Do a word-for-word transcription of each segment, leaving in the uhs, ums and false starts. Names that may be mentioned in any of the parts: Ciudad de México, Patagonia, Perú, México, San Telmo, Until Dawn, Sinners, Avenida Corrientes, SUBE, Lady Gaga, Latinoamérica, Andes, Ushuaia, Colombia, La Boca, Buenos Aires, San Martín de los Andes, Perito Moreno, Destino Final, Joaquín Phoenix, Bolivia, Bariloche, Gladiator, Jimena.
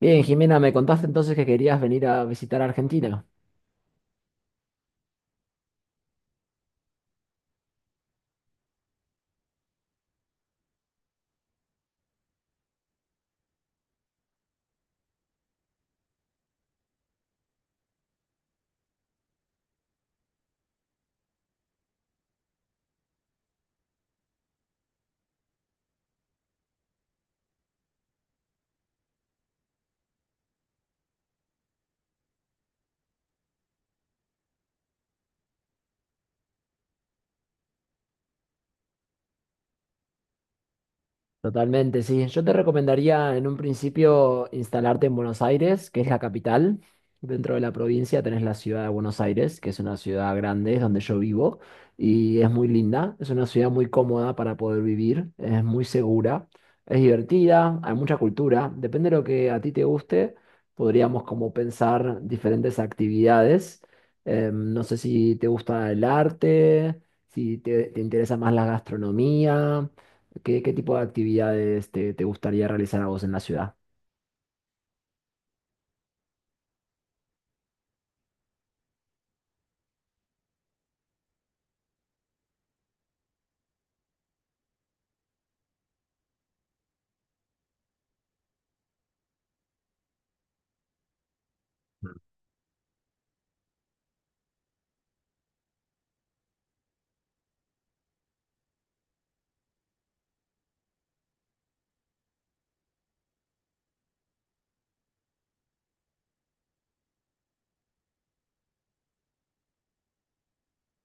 Bien, Jimena, me contaste entonces que querías venir a visitar Argentina. Totalmente, sí. Yo te recomendaría en un principio instalarte en Buenos Aires, que es la capital. Dentro de la provincia tenés la ciudad de Buenos Aires, que es una ciudad grande, es donde yo vivo, y es muy linda, es una ciudad muy cómoda para poder vivir, es muy segura, es divertida, hay mucha cultura, depende de lo que a ti te guste, podríamos como pensar diferentes actividades. Eh, no sé si te gusta el arte, si te te interesa más la gastronomía. ¿Qué, qué tipo de actividades te, te gustaría realizar a vos en la ciudad?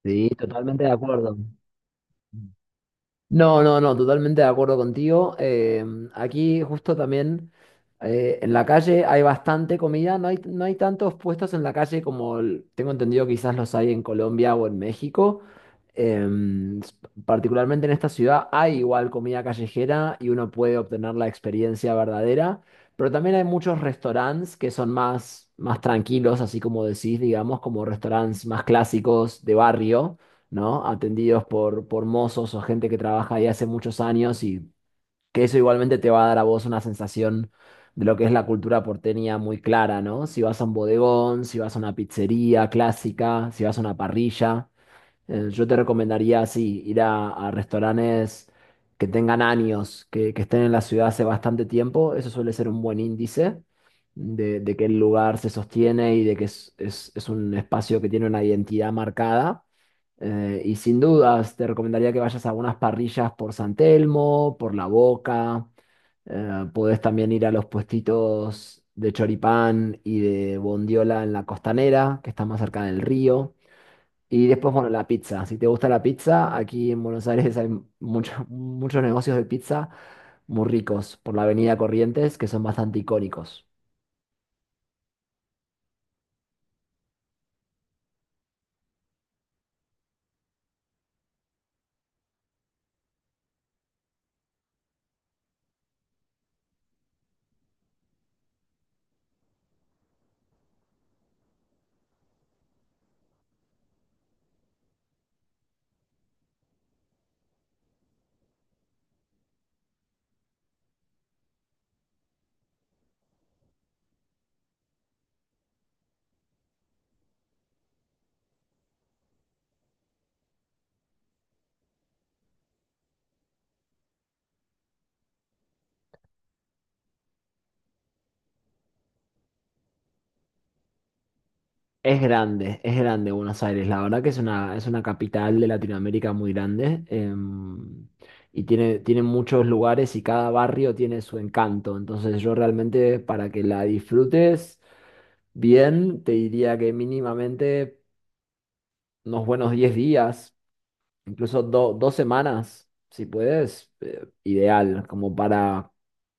Sí, totalmente de acuerdo. No, no, no, totalmente de acuerdo contigo. Eh, aquí justo también eh, en la calle hay bastante comida, no hay, no hay tantos puestos en la calle como el- tengo entendido quizás los hay en Colombia o en México. Em, s- Particularmente en esta ciudad hay igual comida callejera y uno puede obtener la experiencia verdadera, pero también hay muchos restaurantes que son más, más tranquilos, así como decís, digamos, como restaurantes más clásicos de barrio, ¿no? Atendidos por, por mozos o gente que trabaja ahí hace muchos años y que eso igualmente te va a dar a vos una sensación de lo que es la cultura porteña muy clara, ¿no? Si vas a un bodegón, si vas a una pizzería clásica, si vas a una parrilla. Eh, yo te recomendaría así, ir a, a restaurantes que tengan años, que, que estén en la ciudad hace bastante tiempo. Eso suele ser un buen índice de, de que el lugar se sostiene y de que es, es- es un espacio que tiene una identidad marcada. Eh, y sin dudas, te recomendaría que vayas a algunas parrillas por San Telmo, por La Boca. Eh, podés también ir a los puestitos de choripán y de bondiola en la costanera, que está más cerca del río. Y después, bueno, la pizza. Si te gusta la pizza, aquí en Buenos Aires hay muchos, muchos negocios de pizza muy ricos por la Avenida Corrientes que son bastante icónicos. Es grande, es grande Buenos Aires. La verdad que es una, es una capital de Latinoamérica muy grande. Em, y tiene, tiene muchos lugares y cada barrio tiene su encanto. Entonces yo realmente para que la disfrutes bien, te diría que mínimamente unos buenos diez días. Incluso do- dos semanas, si puedes, eh, ideal, como para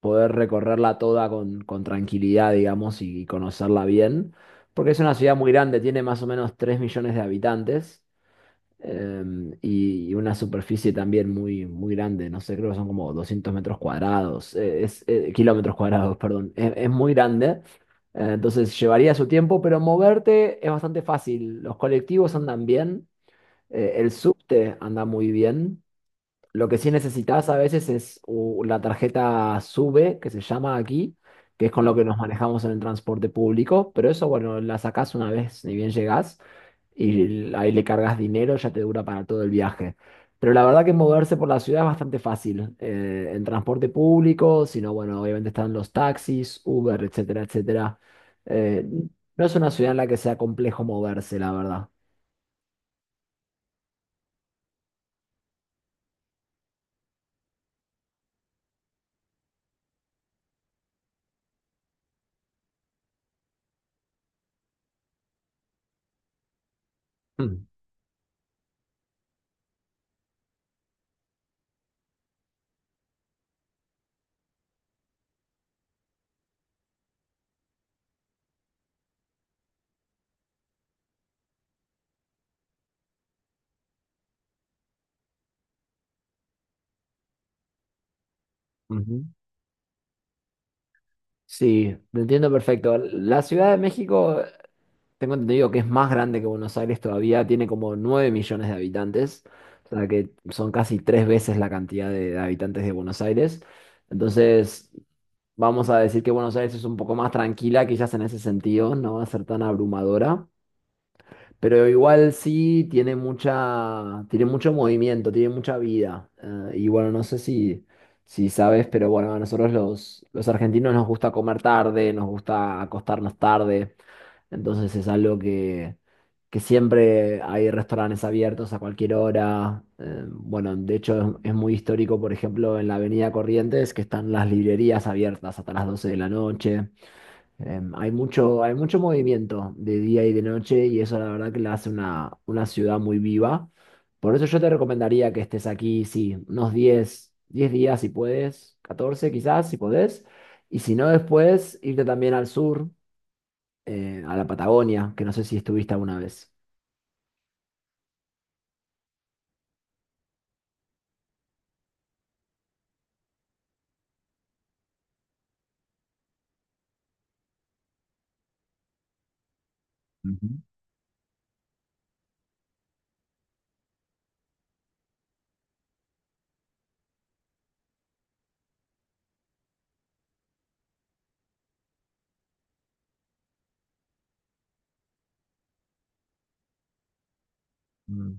poder recorrerla toda con, con tranquilidad, digamos, y conocerla bien, porque es una ciudad muy grande, tiene más o menos tres millones de habitantes. Em, y, y una superficie también muy, muy grande, no sé, creo que son como doscientos metros cuadrados, eh, es, eh, kilómetros cuadrados, perdón, es, es muy grande, eh, entonces llevaría su tiempo, pero moverte es bastante fácil, los colectivos andan bien, eh, el subte anda muy bien. Lo que sí necesitas a veces es u- la tarjeta SUBE, que se llama aquí, que es con lo que nos manejamos en el transporte público. Pero eso, bueno, la sacás una vez ni bien llegás y ahí le cargas dinero, ya te dura para todo el viaje. Pero la verdad que moverse por la ciudad es bastante fácil. Eh, en transporte público, sino, bueno, obviamente están los taxis, Uber, etcétera, etcétera. Eh, no es una ciudad en la que sea complejo moverse, la verdad. Mm, ujú. Sí, te entiendo perfecto. La Ciudad de México, tengo entendido que es más grande que Buenos Aires todavía, tiene como nueve millones de habitantes, o sea que son casi tres veces la cantidad de habitantes de Buenos Aires. Entonces, vamos a decir que Buenos Aires es un poco más tranquila, quizás en ese sentido, no va a ser tan abrumadora. Pero igual sí tiene mucha, tiene mucho movimiento, tiene mucha vida. Eh, y bueno, no sé si, si sabes, pero bueno, a nosotros los, los argentinos nos gusta comer tarde, nos gusta acostarnos tarde. Entonces es algo que, que siempre hay restaurantes abiertos a cualquier hora. Eh, bueno, de hecho es, es muy histórico, por ejemplo, en la Avenida Corrientes, que están las librerías abiertas hasta las doce de la noche. Em, hay mucho, hay mucho movimiento de día y de noche y eso la verdad que la hace una, una ciudad muy viva. Por eso yo te recomendaría que estés aquí, sí, unos diez diez días si puedes, catorce quizás si podés. Y si no, después irte también al sur, eh, a la Patagonia, que no sé si estuviste alguna vez. Ujú.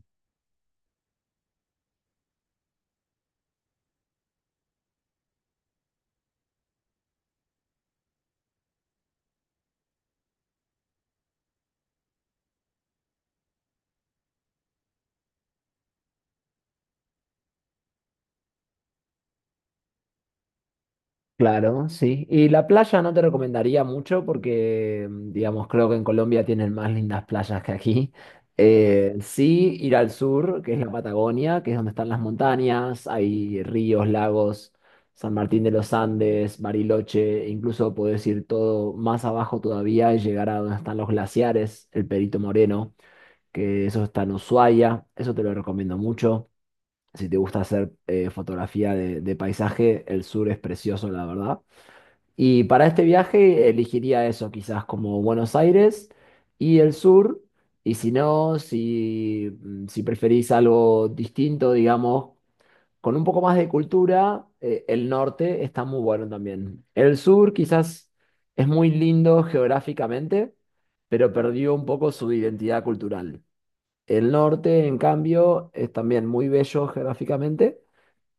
Claro, sí. Y la playa no te recomendaría mucho porque, mm, digamos, creo que en Colombia tienen más lindas playas que aquí. Eh, sí, ir al sur, que es la Patagonia, que es donde están las montañas, hay ríos, lagos, San Martín de los Andes, Bariloche, e incluso podés ir todo más abajo todavía y llegar a donde están los glaciares, el Perito Moreno, que eso está en Ushuaia, eso te lo recomiendo mucho. Si te gusta hacer eh, fotografía de de paisaje, el sur es precioso, la verdad. Y para este viaje elegiría eso, quizás como Buenos Aires y el sur. Y si no, si, mm, si preferís algo distinto, digamos, con un poco más de cultura, eh, el norte está muy bueno también. El sur quizás es muy lindo geográficamente, pero perdió un poco su identidad cultural. El norte, en cambio, es también muy bello geográficamente,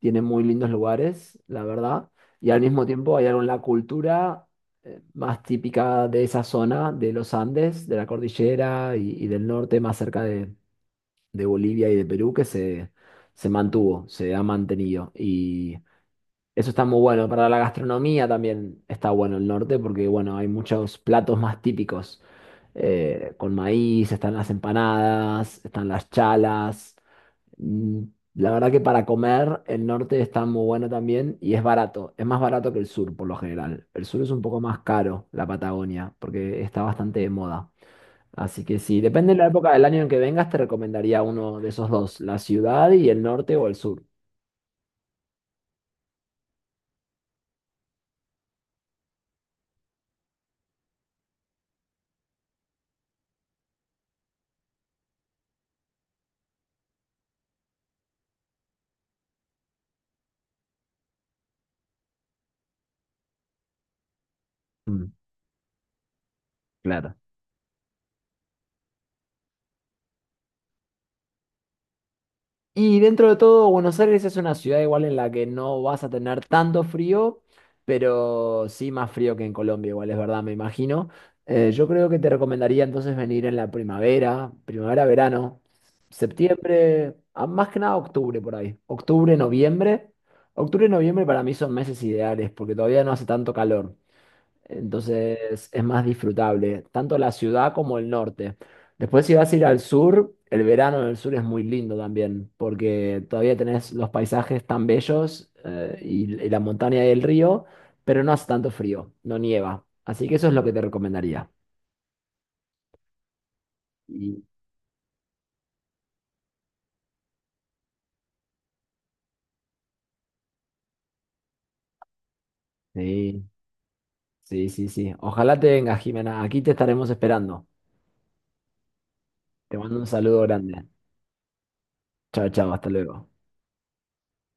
tiene muy lindos lugares, la verdad, y al mismo tiempo hay algo en la cultura eh, más típica de esa zona, de los Andes, de la cordillera y, y del norte, más cerca de, de Bolivia y de Perú, que se, se mantuvo, se ha mantenido. Y eso está muy bueno. Para la gastronomía también está bueno el norte, porque bueno, hay muchos platos más típicos eh, con maíz, están las empanadas, están las chalas. Mm. La verdad que para comer el norte está muy bueno también y es barato. Es más barato que el sur por lo general. El sur es un poco más caro, la Patagonia, porque está bastante de moda. Así que sí, depende de la época del año en que vengas, te recomendaría uno de esos dos, la ciudad y el norte o el sur. Mm, claro. Y dentro de todo, Buenos Aires es una ciudad igual en la que no vas a tener tanto frío, pero sí más frío que en Colombia, igual es verdad, me imagino. Eh, yo creo que te recomendaría entonces venir en la primavera, primavera, verano, septiembre, a- más que nada octubre por ahí, octubre, noviembre. Octubre y noviembre para mí son meses ideales porque todavía no hace tanto calor. Entonces es más disfrutable, tanto la ciudad como el norte. Después si vas a ir al sur, el verano en el sur es muy lindo también, porque todavía tenés los paisajes tan bellos eh, y, y la montaña y el río, pero no hace tanto frío, no nieva. Así que eso es lo que te recomendaría. Y- Sí, sí, sí, sí. Ojalá te vengas, Jimena. Aquí te estaremos esperando. Te mando un saludo grande. Chao, chao, hasta luego.